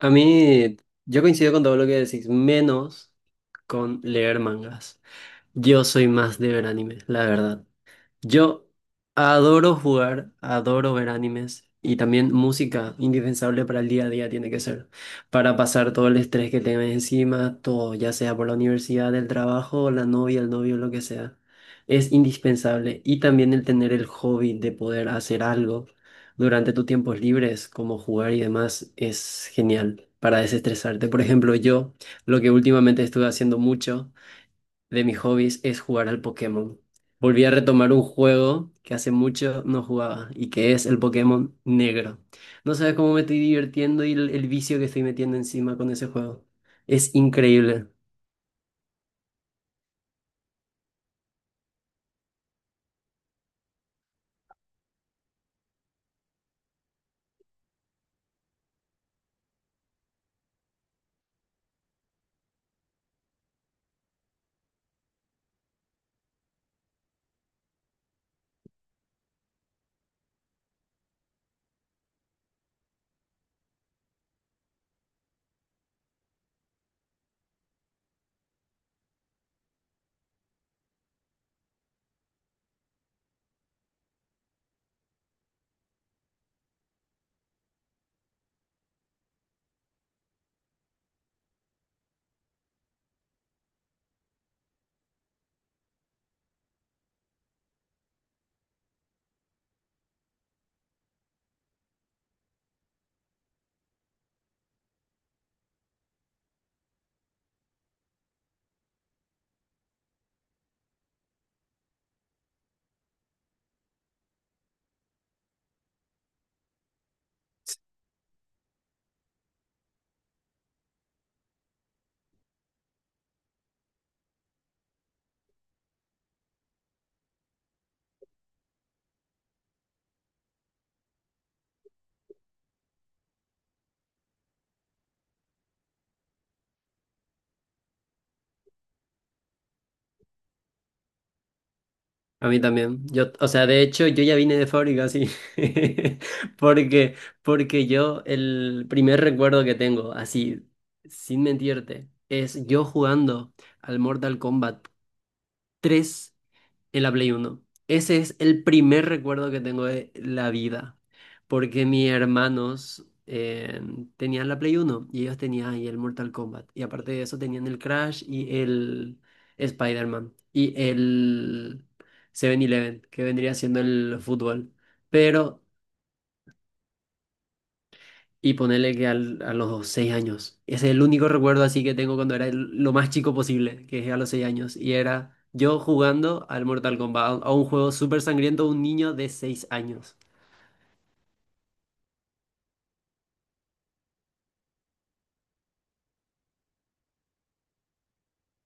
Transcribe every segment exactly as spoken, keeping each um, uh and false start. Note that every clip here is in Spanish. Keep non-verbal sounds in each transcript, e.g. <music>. A mí, yo coincido con todo lo que decís, menos con leer mangas. Yo soy más de ver animes, la verdad. Yo adoro jugar, adoro ver animes y también música, indispensable para el día a día tiene que ser, para pasar todo el estrés que tengas encima, todo, ya sea por la universidad, el trabajo, la novia, el novio, lo que sea. Es indispensable y también el tener el hobby de poder hacer algo durante tus tiempos libres, como jugar y demás, es genial para desestresarte. Por ejemplo, yo lo que últimamente estuve haciendo mucho de mis hobbies es jugar al Pokémon. Volví a retomar un juego que hace mucho no jugaba y que es el Pokémon Negro. No sabes cómo me estoy divirtiendo y el, el vicio que estoy metiendo encima con ese juego. Es increíble. A mí también. Yo, o sea, de hecho, yo ya vine de fábrica así. <laughs> Porque, porque yo el primer recuerdo que tengo, así, sin mentirte, es yo jugando al Mortal Kombat tres en la Play Uno. Ese es el primer recuerdo que tengo de la vida, porque mis hermanos eh, tenían la Play Uno y ellos tenían ahí el Mortal Kombat. Y aparte de eso tenían el Crash y el Spider-Man y el siete-Eleven, que vendría siendo el fútbol. Pero y ponerle que al- a los seis años. Ese es el único recuerdo así que tengo cuando era el- lo más chico posible, que es a los seis años. Y era yo jugando al Mortal Kombat, a un juego súper sangriento, un niño de seis años.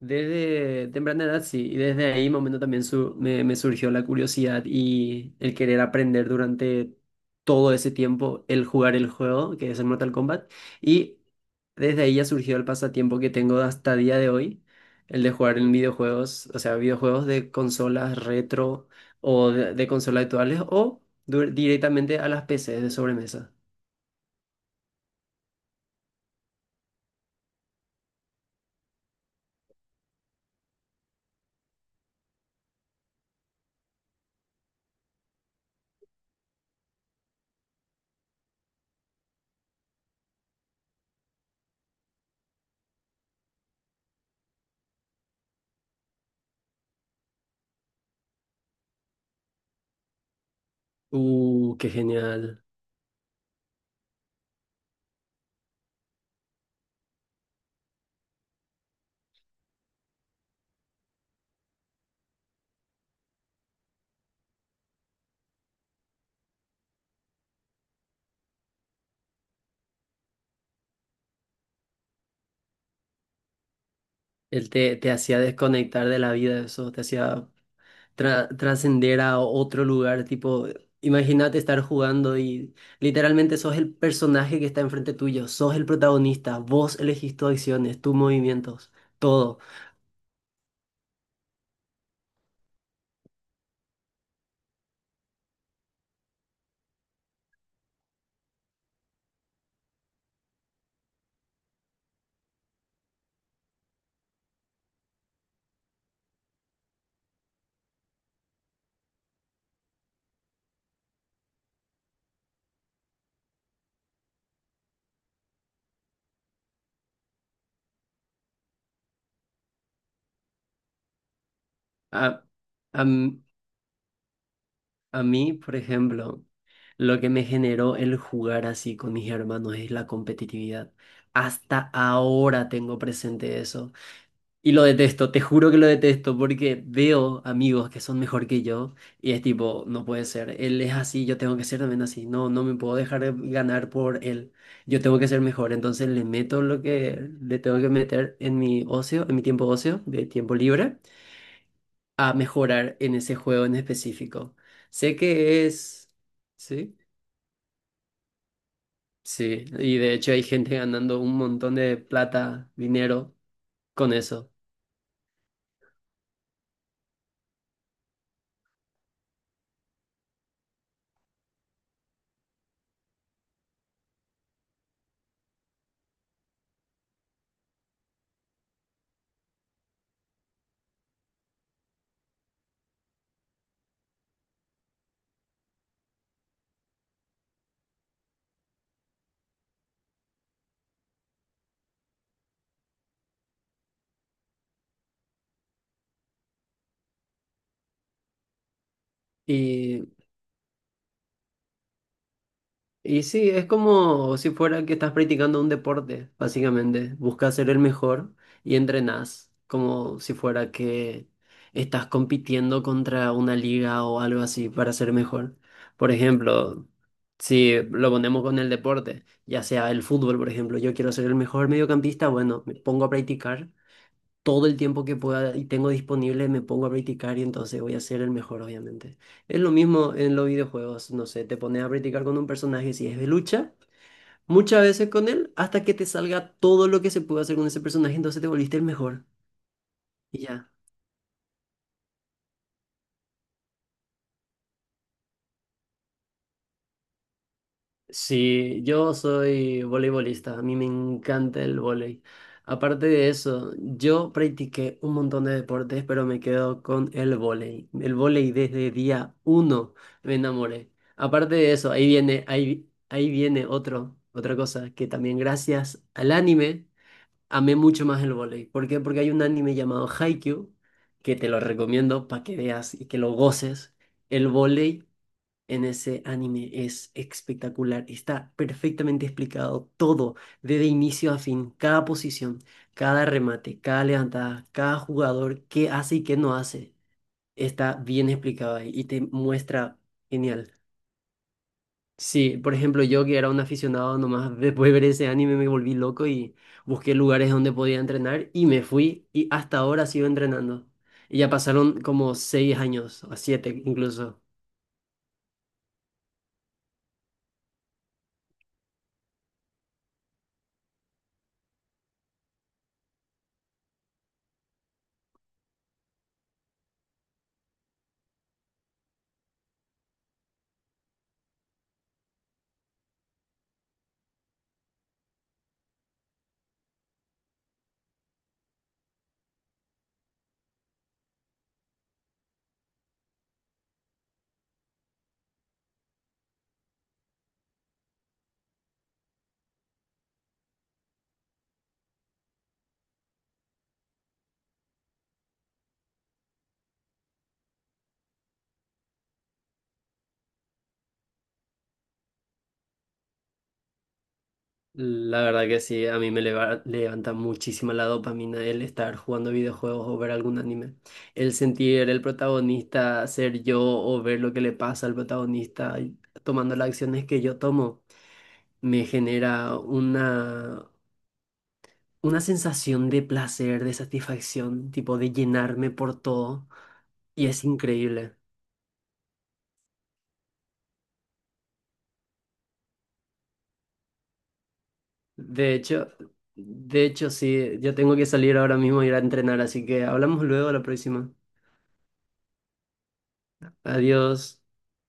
Desde temprana edad, sí, y desde ahí momento también su- me, me surgió la curiosidad y el querer aprender durante todo ese tiempo el jugar el juego, que es el Mortal Kombat, y desde ahí ya surgió el pasatiempo que tengo hasta día de hoy, el de jugar en videojuegos, o sea, videojuegos de consolas retro o de, de consolas actuales o du- directamente a las P Cs de sobremesa. Uh, qué genial. Él te, te hacía desconectar de la vida, eso, te hacía tra- trascender a otro lugar, tipo, imagínate estar jugando y literalmente sos el personaje que está enfrente tuyo, sos el protagonista, vos elegís tus acciones, tus movimientos, todo. A, a, m- a mí, por ejemplo, lo que me generó el jugar así con mis hermanos es la competitividad. Hasta ahora tengo presente eso. Y lo detesto, te juro que lo detesto porque veo amigos que son mejor que yo y es tipo, no puede ser, él es así, yo tengo que ser también así, no, no me puedo dejar ganar por él, yo tengo que ser mejor, entonces le meto lo que le tengo que meter en mi ocio, en mi tiempo ocio, de tiempo libre, a mejorar en ese juego en específico. Sé que es, sí, sí, y de hecho hay gente ganando un montón de plata, dinero con eso. y Y sí, es como si fuera que estás practicando un deporte, básicamente. Buscas ser el mejor y entrenás, como si fuera que estás compitiendo contra una liga o algo así para ser mejor. Por ejemplo, si lo ponemos con el deporte, ya sea el fútbol, por ejemplo, yo quiero ser el mejor mediocampista, bueno, me pongo a practicar todo el tiempo que pueda y tengo disponible me pongo a practicar y entonces voy a ser el mejor, obviamente. Es lo mismo en los videojuegos, no sé, te pones a practicar con un personaje si es de lucha, muchas veces con él, hasta que te salga todo lo que se puede hacer con ese personaje, entonces te volviste el mejor. Y ya. Sí, yo soy voleibolista, a mí me encanta el vóley. Aparte de eso, yo practiqué un montón de deportes, pero me quedo con el vóley. El vóley desde día uno me enamoré. Aparte de eso, ahí viene, ahí, ahí viene otro, otra cosa, que también gracias al anime amé mucho más el vóley. ¿Por qué? Porque hay un anime llamado Haikyuu, que te lo recomiendo para que veas y que lo goces. El vóley en ese anime es espectacular. Está perfectamente explicado todo, desde inicio a fin, cada posición, cada remate, cada levantada, cada jugador, qué hace y qué no hace. Está bien explicado ahí y te muestra genial. Sí, por ejemplo, yo que era un aficionado nomás, después de ver ese anime me volví loco y busqué lugares donde podía entrenar y me fui y hasta ahora sigo entrenando. Y ya pasaron como seis años, o siete incluso. La verdad que sí, a mí me leva- levanta muchísima la dopamina el estar jugando videojuegos o ver algún anime. El sentir el protagonista ser yo o ver lo que le pasa al protagonista y tomando las acciones que yo tomo, me genera una, una sensación de placer, de satisfacción, tipo de llenarme por todo y es increíble. De hecho, de hecho sí, yo tengo que salir ahora mismo a ir a entrenar, así que hablamos luego la próxima. Adiós.